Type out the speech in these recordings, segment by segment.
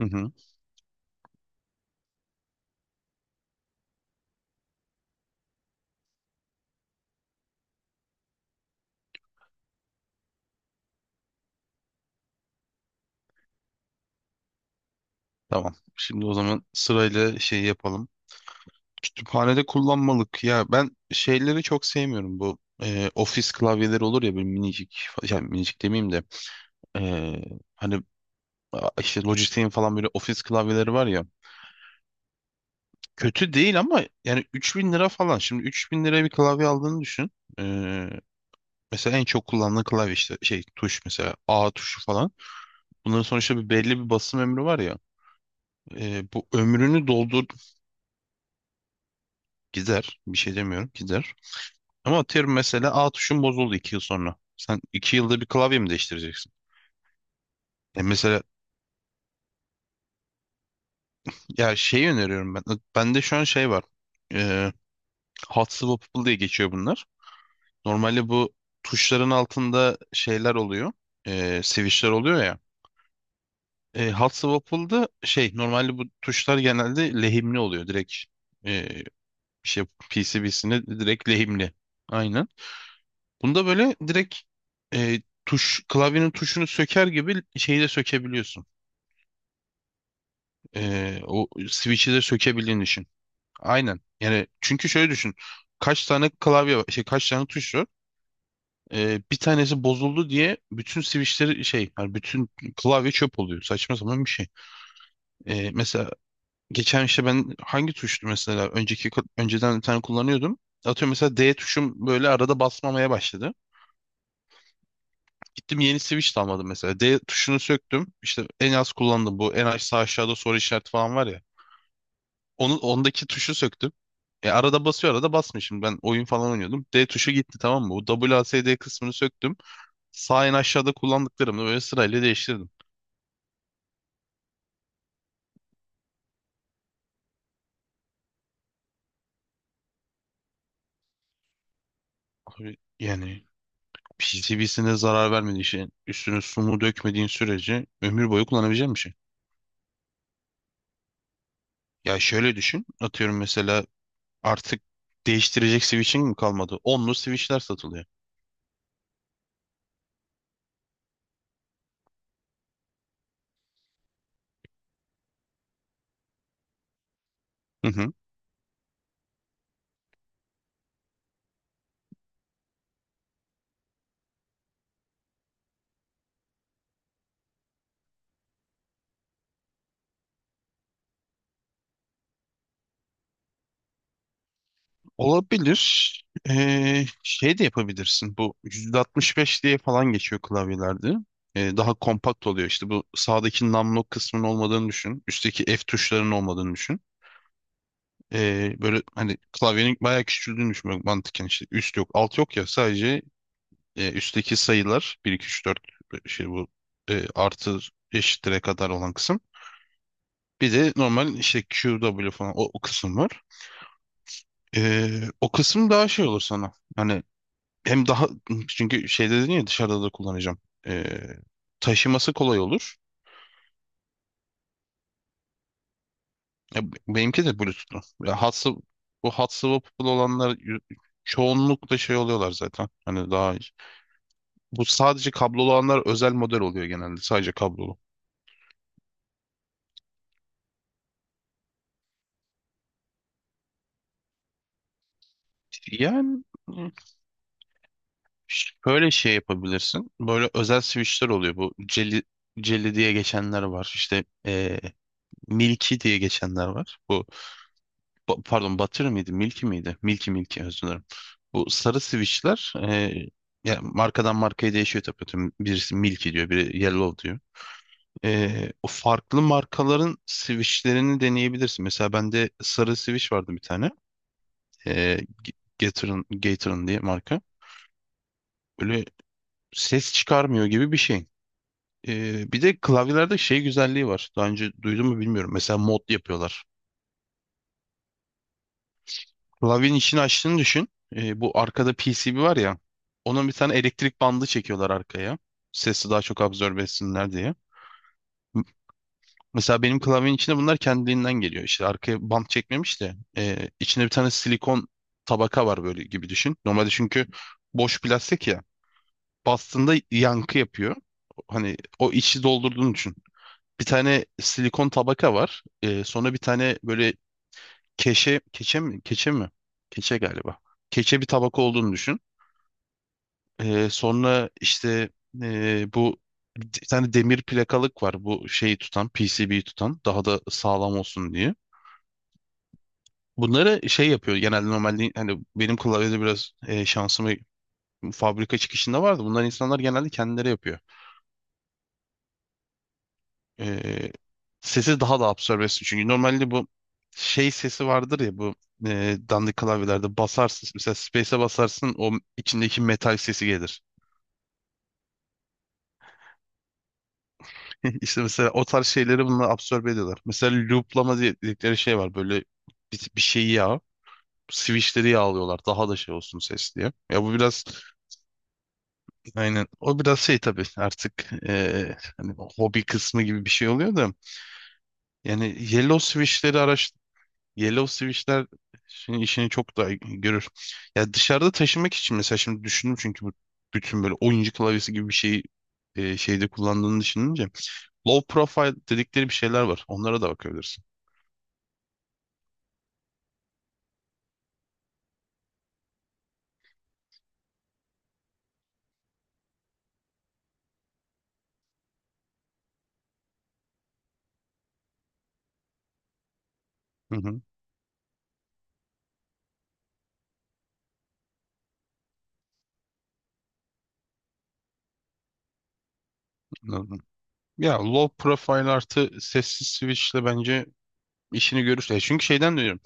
Hı hı, tamam. Şimdi o zaman sırayla şey yapalım. Kütüphanede kullanmalık. Ya ben şeyleri çok sevmiyorum. Bu ofis klavyeleri olur ya böyle minicik. Yani minicik demeyeyim de. e, hani işte Logitech'in falan böyle ofis klavyeleri var ya. Kötü değil ama yani 3.000 lira falan. Şimdi 3.000 liraya bir klavye aldığını düşün. E, mesela en çok kullanılan klavye işte şey tuş mesela A tuşu falan. Bunların sonuçta bir belli bir basım ömrü var ya. Bu ömrünü doldur gider. Bir şey demiyorum gider. Ama atıyorum mesela A tuşun bozuldu 2 yıl sonra. Sen 2 yılda bir klavye mi değiştireceksin? Mesela ya şeyi öneriyorum ben. Bende şu an şey var. E, hot swappable diye geçiyor bunlar. Normalde bu tuşların altında şeyler oluyor. Switchler oluyor ya. Hot swappable'da şey normalde bu tuşlar genelde lehimli oluyor. Direkt e, şey PCB'sine direkt lehimli. Aynen. Bunda böyle direkt tuş klavyenin tuşunu söker gibi şeyi de sökebiliyorsun. O switch'i de sökebildiğini düşün. Aynen. Yani çünkü şöyle düşün. Kaç tane klavye var, şey kaç tane tuş var? Bir tanesi bozuldu diye bütün switch'leri şey, yani bütün klavye çöp oluyor. Saçma sapan bir şey. Mesela geçen işte ben hangi tuştu mesela önceden bir tane kullanıyordum. Atıyorum mesela D tuşum böyle arada basmamaya başladı. Gittim yeni switch de almadım mesela. D tuşunu söktüm. İşte en az kullandım bu. En aşağı aşağıda soru işareti falan var ya. Onu, ondaki tuşu söktüm. Arada basıyor arada basmıyor. Şimdi ben oyun falan oynuyordum. D tuşu gitti tamam mı? Bu W, A, S, D kısmını söktüm. Sağ en aşağıda kullandıklarımı böyle sırayla değiştirdim. Abi, yani PCB'sine zarar vermediği şey, üstüne su mu dökmediğin sürece ömür boyu kullanabileceğin bir şey. Ya şöyle düşün. Atıyorum mesela artık değiştirecek switch'in mi kalmadı? Onlu switch'ler satılıyor. Hı hı. Olabilir. Şey de yapabilirsin. Bu 165 diye falan geçiyor klavyelerde. Daha kompakt oluyor. İşte bu sağdaki numlock kısmının olmadığını düşün. Üstteki F tuşlarının olmadığını düşün. Böyle hani klavyenin bayağı küçüldüğünü düşün. Böyle mantıken işte üst yok, alt yok ya. Sadece üstteki sayılar bir 2 3 4 şey bu artı eşittire kadar olan kısım. Bir de normal işte Q, W falan o kısım var. O kısım daha şey olur sana. Hani hem daha çünkü şeyde dedin ya dışarıda da kullanacağım. Ee, taşıması kolay olur. Ya, benimki de Bluetooth'lu. Ya, bu hat swappable olanlar çoğunlukla şey oluyorlar zaten. Hani daha bu sadece kablolu olanlar özel model oluyor genelde. Sadece kablolu. Yani böyle şey yapabilirsin. Böyle özel switchler oluyor. Bu Jelly diye geçenler var. İşte Milky diye geçenler var. Bu pardon, Butter mıydı? Milky miydi? Milky özür dilerim. Bu sarı switchler ya markadan markaya değişiyor tabii. Birisi Milky diyor, biri Yellow diyor. O farklı markaların switchlerini deneyebilirsin. Mesela bende sarı switch vardı bir tane. E, G- Gator'ın Gator'ın diye marka. Böyle ses çıkarmıyor gibi bir şey. Bir de klavyelerde şey güzelliği var. Daha önce duydun mu bilmiyorum. Mesela mod yapıyorlar. Lavin işini açtığını düşün. Bu arkada PCB var ya. Onun bir tane elektrik bandı çekiyorlar arkaya. Sesi daha çok absorbe etsinler diye. M- Mesela benim klavyenin içinde bunlar kendiliğinden geliyor. İşte arkaya bant çekmemiş de içinde bir tane silikon tabaka var böyle gibi düşün. Normalde çünkü boş plastik ya. Bastığında yankı yapıyor. Hani o içi doldurduğunu düşün. Bir tane silikon tabaka var. Sonra bir tane böyle keçe mi? Keçe mi? Keçe galiba. Keçe bir tabaka olduğunu düşün. Sonra işte bu bir tane demir plakalık var bu şeyi tutan PCB'yi tutan daha da sağlam olsun diye. Bunları şey yapıyor genelde normalde hani benim klavyede biraz şansım fabrika çıkışında vardı. Bunlar insanlar genelde kendileri yapıyor. Ee, sesi daha da absorbe etsin. Çünkü normalde bu şey sesi vardır ya bu dandik klavyelerde basarsın mesela space'e basarsın o içindeki metal sesi gelir. İşte mesela o tarz şeyleri bununla absorbe ediyorlar. Mesela dedikleri şey var. Böyle bir şeyi, switchleri yağlıyorlar. Daha da şey olsun ses diye. Ya bu biraz aynen. O biraz şey tabii artık hani hobi kısmı gibi bir şey oluyor da. Yani switchleri Yellow Switch'ler işini çok daha görür. Ya dışarıda taşımak için mesela şimdi düşündüm çünkü bu bütün böyle oyuncu klavyesi gibi bir şeyi şeyde kullandığını düşününce low profile dedikleri bir şeyler var. Onlara da bakabilirsin. Hı hı, anladım. Ya low profile artı sessiz switchle bence işini görür. Çünkü şeyden diyorum.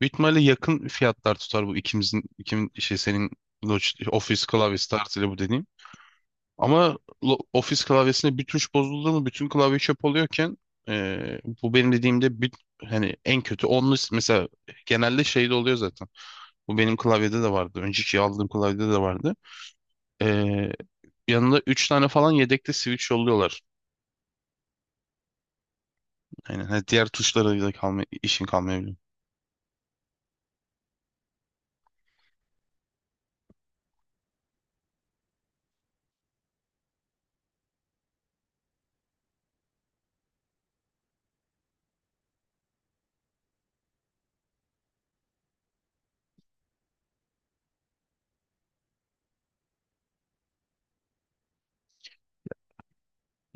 Büyük ihtimalle yakın fiyatlar tutar bu ikimin şey senin Logitech Office klavyesi tarzıyla bu dediğim. Ama Office klavyesinde bir tuş bozuldu mu bütün klavye çöp oluyorken bu benim dediğimde hani en kötü 10'lu mesela genelde şeyde oluyor zaten. Bu benim klavyede de vardı. Önceki aldığım klavyede de vardı. E, yanında 3 tane falan yedekte switch yolluyorlar. Aynen. Ha, diğer tuşlara da işin kalmayabiliyor.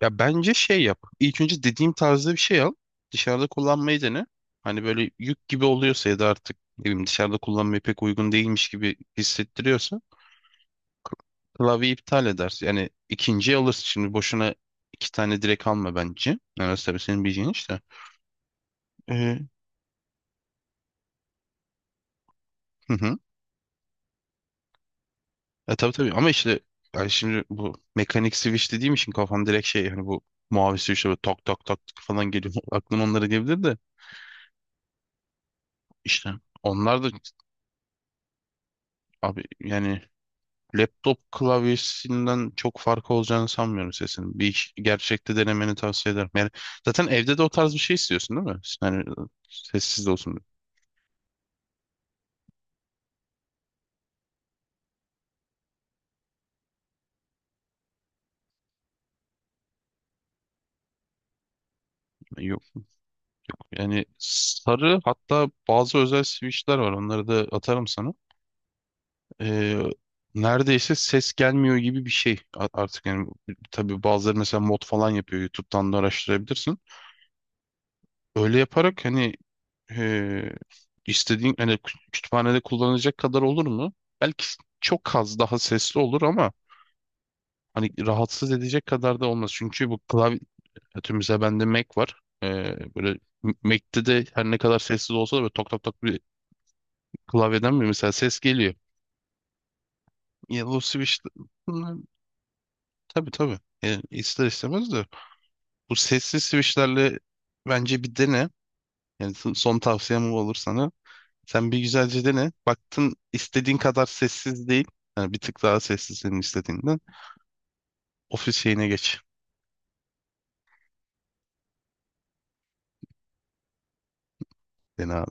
Ya bence şey yap. İlk önce dediğim tarzda bir şey al. Dışarıda kullanmayı dene. Hani böyle yük gibi oluyorsa ya da artık ne bileyim dışarıda kullanmaya pek uygun değilmiş gibi hissettiriyorsa klavye iptal edersin. Yani ikinciyi alırsın. Şimdi boşuna iki tane direkt alma bence. Yani tabii senin bileceğin işte. Ee, hı hı. Tabii tabii ama işte yani şimdi bu mekanik switch dediğim için kafam direkt şey hani bu mavi switch'e böyle tak tak tak tak falan geliyor. Aklım onlara gelebilir de işte onlar da abi yani laptop klavyesinden çok farkı olacağını sanmıyorum sesinin. Gerçekte denemeni tavsiye ederim. Yani zaten evde de o tarz bir şey istiyorsun değil mi? Yani sessiz de olsun. Yani sarı hatta bazı özel switch'ler var. Onları da atarım sana. Ee, neredeyse ses gelmiyor gibi bir şey artık yani tabii bazıları mesela mod falan yapıyor. YouTube'dan da araştırabilirsin. Öyle yaparak hani e, istediğin hani kütüphanede kullanacak kadar olur mu? Belki çok az daha sesli olur ama hani rahatsız edecek kadar da olmaz. Çünkü bu klavye atıyorum mesela bende Mac var. Böyle Mac'te de her ne kadar sessiz olsa da böyle tok tok tok bir klavyeden mi mesela ses geliyor. Ya bu switch bunlar tabii tabii. Yani ister istemez de bu sessiz switchlerle bence bir dene. Yani son son tavsiyem bu olur sana. Sen bir güzelce dene. Baktın istediğin kadar sessiz değil. Yani bir tık daha sessiz senin istediğinden. Ofis şeyine geç. Dene